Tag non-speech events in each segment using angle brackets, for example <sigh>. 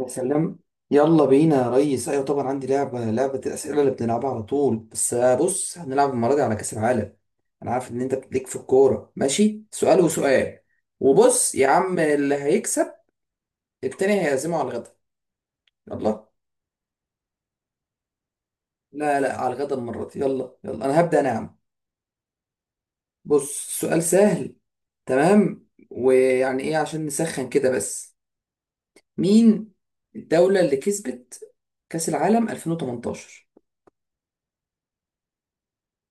يا سلام يلا بينا يا ريس، ايوه طبعا عندي لعبه الاسئله اللي بنلعبها على طول، بس بص هنلعب المره دي على كاس العالم. انا عارف ان انت ليك في الكوره. ماشي، سؤال وسؤال. وبص يا عم، اللي هيكسب التاني هيعزمه على الغدا. يلا، لا لا، على الغدا المره دي. يلا يلا، انا هبدا انا يا عم. بص، سؤال سهل. تمام، ويعني ايه عشان نسخن كده بس. مين الدوله اللي كسبت كاس العالم 2018؟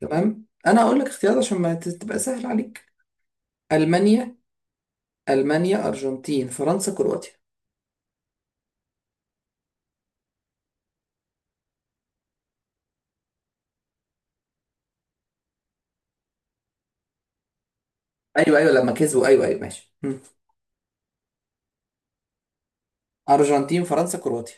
تمام، انا هقول لك اختيارات عشان ما ت- تبقى سهل عليك. المانيا. ارجنتين، فرنسا، كرواتيا. ايوه ايوه لما كسبوا، ايوه ايوه ماشي. ارجنتين، فرنسا، كرواتيا.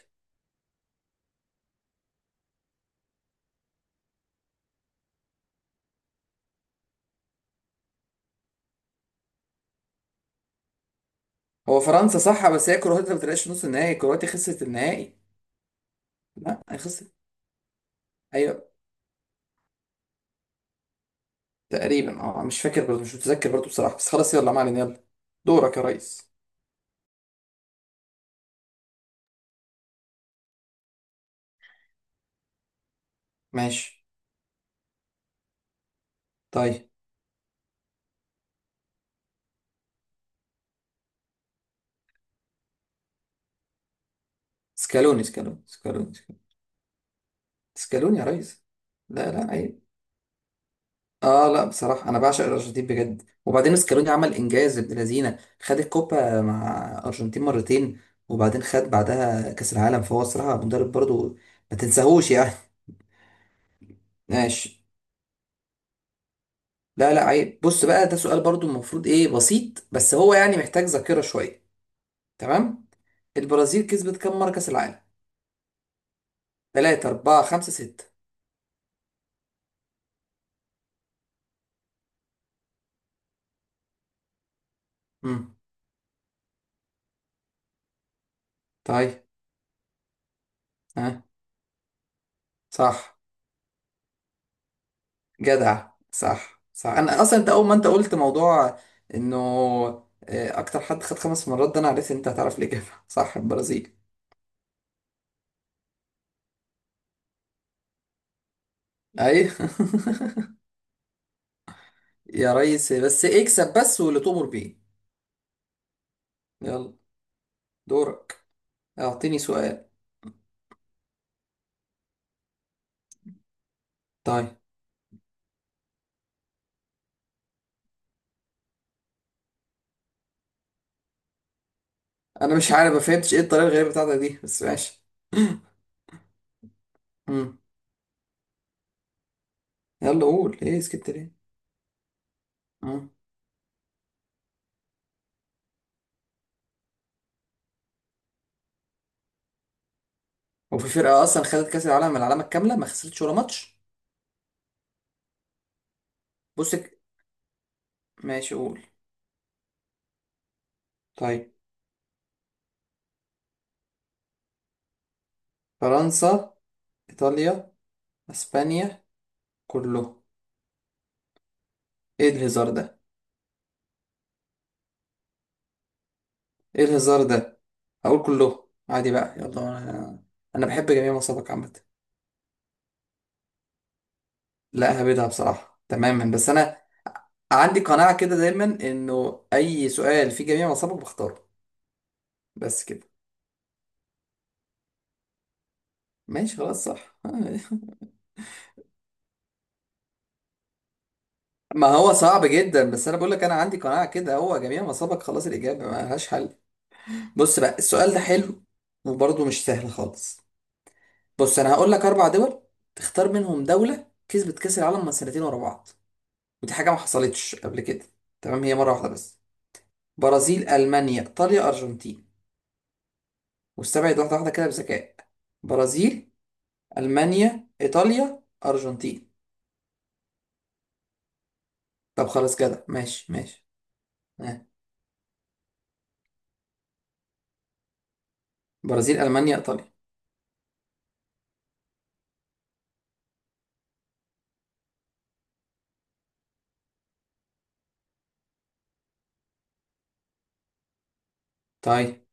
هو فرنسا صح، بس هي كرواتيا ما طلعتش نص النهائي، كرواتيا خسرت النهائي. لا هي خسرت. ايوه تقريبا، اه مش فاكر برضه، مش متذكر برضه بصراحه، بس خلاص يلا ما علينا، يلا. دورك يا ريس. ماشي. طيب. سكالوني، سكالوني، سكالوني، سكالوني، سكالوني يا ريس. لا لا، أيوة. اه لا بصراحة أنا بعشق الأرجنتين بجد، وبعدين سكالوني عمل إنجاز ابن لذينة، خد الكوبا مع أرجنتين مرتين، وبعدين خد بعدها كأس العالم، فهو الصراحة مدرب برضو، ما تنساهوش يعني. <laughs> ماشي. لا لا عيب، بص بقى ده سؤال برضو المفروض إيه بسيط، بس هو يعني محتاج ذاكرة شوية. تمام. البرازيل كسبت كام مرة كأس العالم؟ تلاتة، أربعة، خمسة، ستة؟ امم طيب. ها. صح. جدع، صح صح، انا اصلا انت اول ما انت قلت موضوع انه. اكتر حد خد خمس مرات، ده انا عرفت إن انت هتعرف الاجابه. <laughs> صح، البرازيل. اي. <laughs> يا ريس بس اكسب، بس واللي تؤمر بيه. يلا. دورك. اعطيني سؤال. طيب. انا مش عارف، ما فهمتش ايه الطريقه الغريبه بتاعتك دي، بس ماشي. <laughs> مم. يلا قول، ايه سكت ليه؟ مم. وفي فرقه اصلا خدت كاس العالم العلامه الكامله ما خسرتش ولا ماتش؟ بص ك- ماشي قول. طيب. فرنسا، ايطاليا، اسبانيا، كله؟ ايه الهزار ده؟ ايه الهزار ده؟ هقول كله عادي بقى، يلا انا. انا بحب جميع مصابك عامه. لا هبدها بصراحه تماما، بس انا عندي قناعه كده دايما انه اي سؤال في جميع مصابك بختاره، بس كده. ماشي خلاص، صح. <laughs> آه. ما هو صعب جدا، بس انا بقول لك انا عندي قناعه كده، هو جميع مصابك خلاص الاجابه ما لهاش حل. بص بقى السؤال ده حلو، وبرضه مش سهل خالص. بص انا هقول لك اربع دول، تختار منهم دوله كسبت كاس العالم من سنتين ورا بعض، ودي حاجة ما حصلتش قبل كده، تمام؟ هي مرة واحدة بس. برازيل، ألمانيا، إيطاليا، أرجنتين. واستبعد واحدة واحدة كده بذكاء. برازيل، ألمانيا، إيطاليا، أرجنتين. طب خلاص كده، ماشي ماشي. آه. برازيل، ألمانيا، إيطاليا. طيب.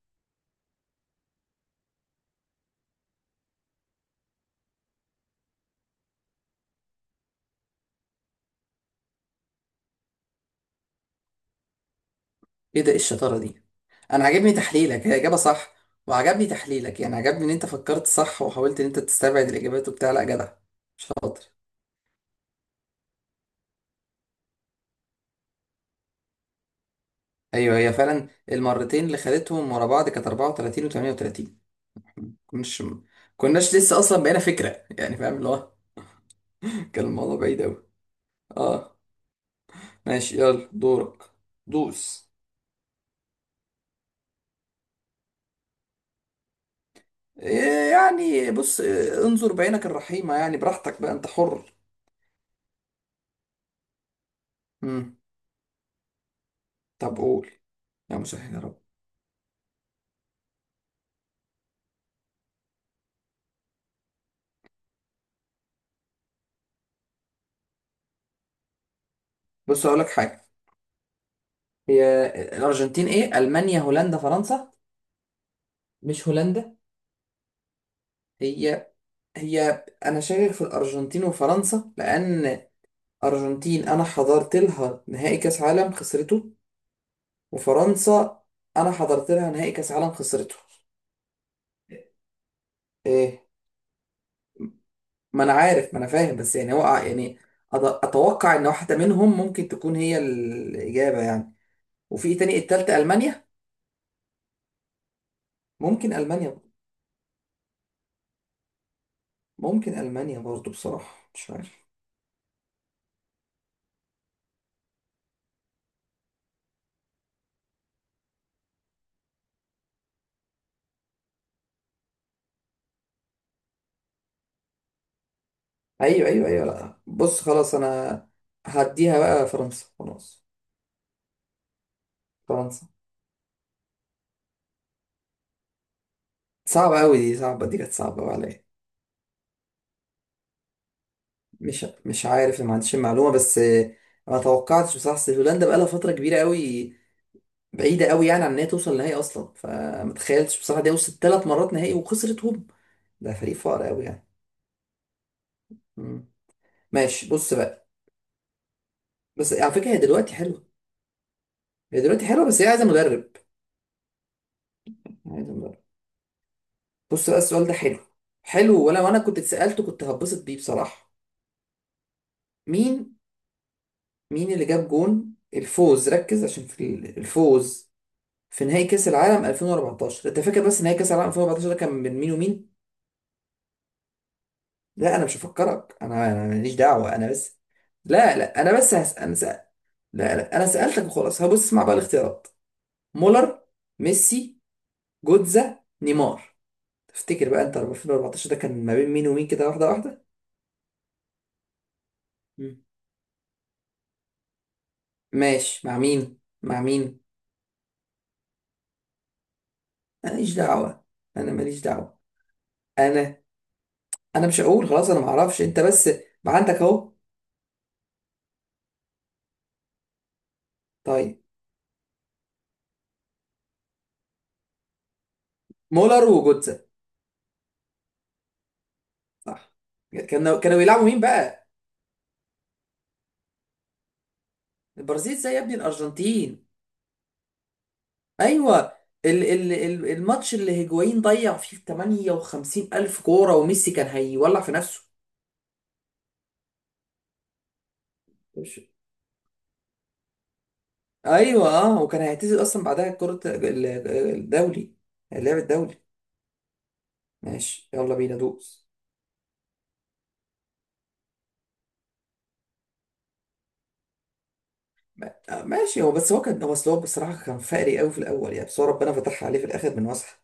إيه ده، إيه الشطارة دي؟ أنا عجبني تحليلك، هي إجابة صح، وعجبني تحليلك، يعني عجبني إن أنت فكرت صح وحاولت إن أنت تستبعد الإجابات وبتاع، لا جدع شاطر. أيوه، هي فعلا المرتين اللي خدتهم ورا بعض كانت 34 و 38. كناش، كناش لسه اصلا، بقينا فكره يعني، فاهم اللي هو. <laughs> كان الموضوع بعيد اوي. اه ماشي، يلا دورك. دوس. إيه يعني، بص إيه، انظر بعينك الرحيمه يعني، براحتك بقى انت حر. مم. طب قول. يا مسهل يا رب. بص اقول لك حاجه. هي الارجنتين، ايه، المانيا، هولندا، فرنسا؟ مش هولندا. هي هي انا شاكك في الارجنتين وفرنسا، لان ارجنتين انا حضرت لها نهائي كاس عالم خسرته، وفرنسا انا حضرت لها نهائي كاس عالم خسرته. ايه؟ ما انا عارف، ما انا فاهم، بس يعني يعني اتوقع ان واحده منهم ممكن تكون هي الاجابه يعني. وفي إيه تاني، التالتة؟ المانيا؟ ممكن المانيا، ممكن المانيا برضو، بصراحه مش عارف. ايوه ايوه ايوه، لا بص خلاص انا هديها بقى فرنسا خلاص. فرنسا. صعبه قوي دي، صعبه دي، كانت صعبه قوي عليا. مش عارف، ما عنديش المعلومه، بس ما توقعتش بصراحه، أصل هولندا بقى لها فتره كبيره قوي، بعيده قوي يعني عن ان هي توصل نهائي اصلا، فما تخيلتش بصراحه دي وصلت ثلاث مرات نهائي وخسرتهم. ده فريق فقر قوي يعني. مم. ماشي. بص بقى، بس على فكره هي دلوقتي حلوه. هي دلوقتي حلوه، بس هي عايزه مدرب. عايزه مدرب. بص بقى السؤال ده حلو، حلو، ولا وانا كنت اتسالته كنت هتبسط بيه بصراحه. مين مين اللي جاب جون الفوز، ركز عشان الفوز في نهائي كاس العالم 2014، انت فاكر بس نهائي كاس العالم 2014 ده كان من مين ومين؟ لا انا مش هفكرك، انا، انا ماليش دعوه، انا بس. لا لا انا بس هسأل. لا لا انا سألتك وخلاص، هبص اسمع بقى الاختيارات. مولر، ميسي، جوتزا، نيمار. تفتكر بقى انت 2014 ده كان ما بين مين ومين كده، واحدة واحدة. مم. ماشي، مع مين مع مين؟ انا ماليش دعوة، انا ماليش دعوة. انا انا مش هقول، خلاص انا ما اعرفش، انت بس. ما عندك اهو. طيب. مولر وجوتزا؟ صح. كانوا كانوا بيلعبوا مين بقى؟ البرازيل زي يا ابني الارجنتين؟ ايوه. الماتش اللي هيجوين ضيع فيه 58 الف كوره، وميسي كان هيولع في نفسه. مش ايوه، اه، وكان هيعتزل اصلا بعدها الدولي، اللعب الدولي. ماشي، يلا بينا دوس. ماشي. هو بس هو كان هو أصل هو بصراحة كان فقري قوي في الأول يعني، بس هو ربنا فتحها عليه في الآخر من وسخ.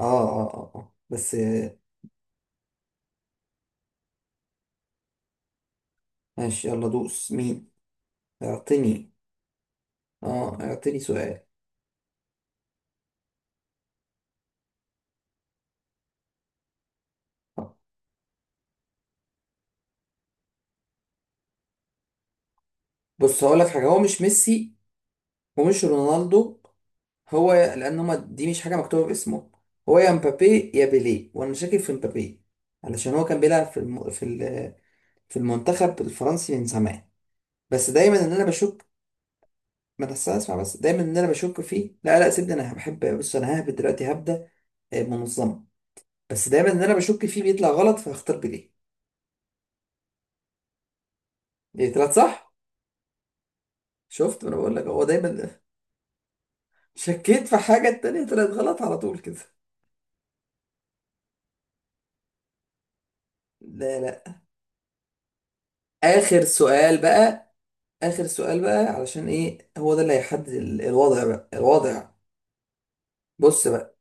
اه اه اه آه. بس آه، ماشي، يلا دوس مين. اعطيني، اه اعطيني سؤال. آه. بص هقول لك حاجة، هو مش ميسي ومش رونالدو، هو لان هما دي مش حاجه مكتوبه باسمه. هو يا مبابي يا بيليه، وانا شاكك في مبابي علشان هو كان بيلعب في المنتخب الفرنسي من زمان، بس دايما ان انا بشك. ما تحسش، اسمع، بس دايما ان انا بشك فيه. لا لا سيبني انا بحب. بص انا ههبد دلوقتي، هبدا. منظمه. بس دايما ان انا بشك فيه بيطلع غلط، فهختار بيليه. إيه، طلعت صح؟ شفت، ما انا بقول لك هو دايما. <laughs> شكيت في حاجه التانية طلعت غلط على طول كده. لا لا. اخر سؤال بقى، اخر سؤال بقى، علشان ايه، هو ده اللي هيحدد الوضع بقى، الوضع. بص بقى،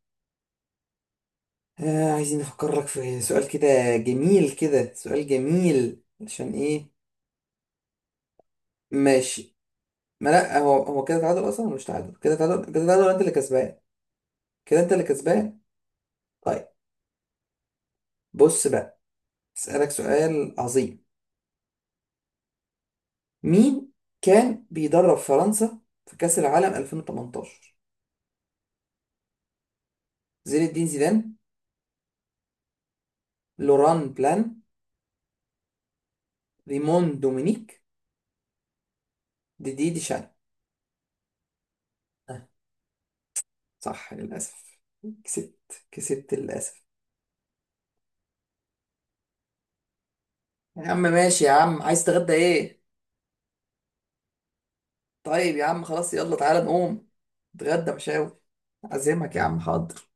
آه عايزين نفكر لك في سؤال كده جميل كده، سؤال جميل علشان ايه. ماشي. ما لا هو، هو كده تعادل اصلا ولا مش تعادل، كده تعادل، كده تعادل، انت اللي كسبان. كده انت اللي كسبان. طيب بص بقى، اسالك سؤال عظيم. مين كان بيدرب فرنسا في كأس العالم 2018؟ زين الدين زيدان، لوران بلان، ريمون دومينيك، ديدي ديشان. صح، للأسف. كسبت، كسبت للأسف. يا عم. <laughs> ماشي يا عم، عايز تتغدى ايه؟ طيب يا عم خلاص، يلا تعالى نقوم نتغدى مشاوي. أعزمك يا عم، حاضر.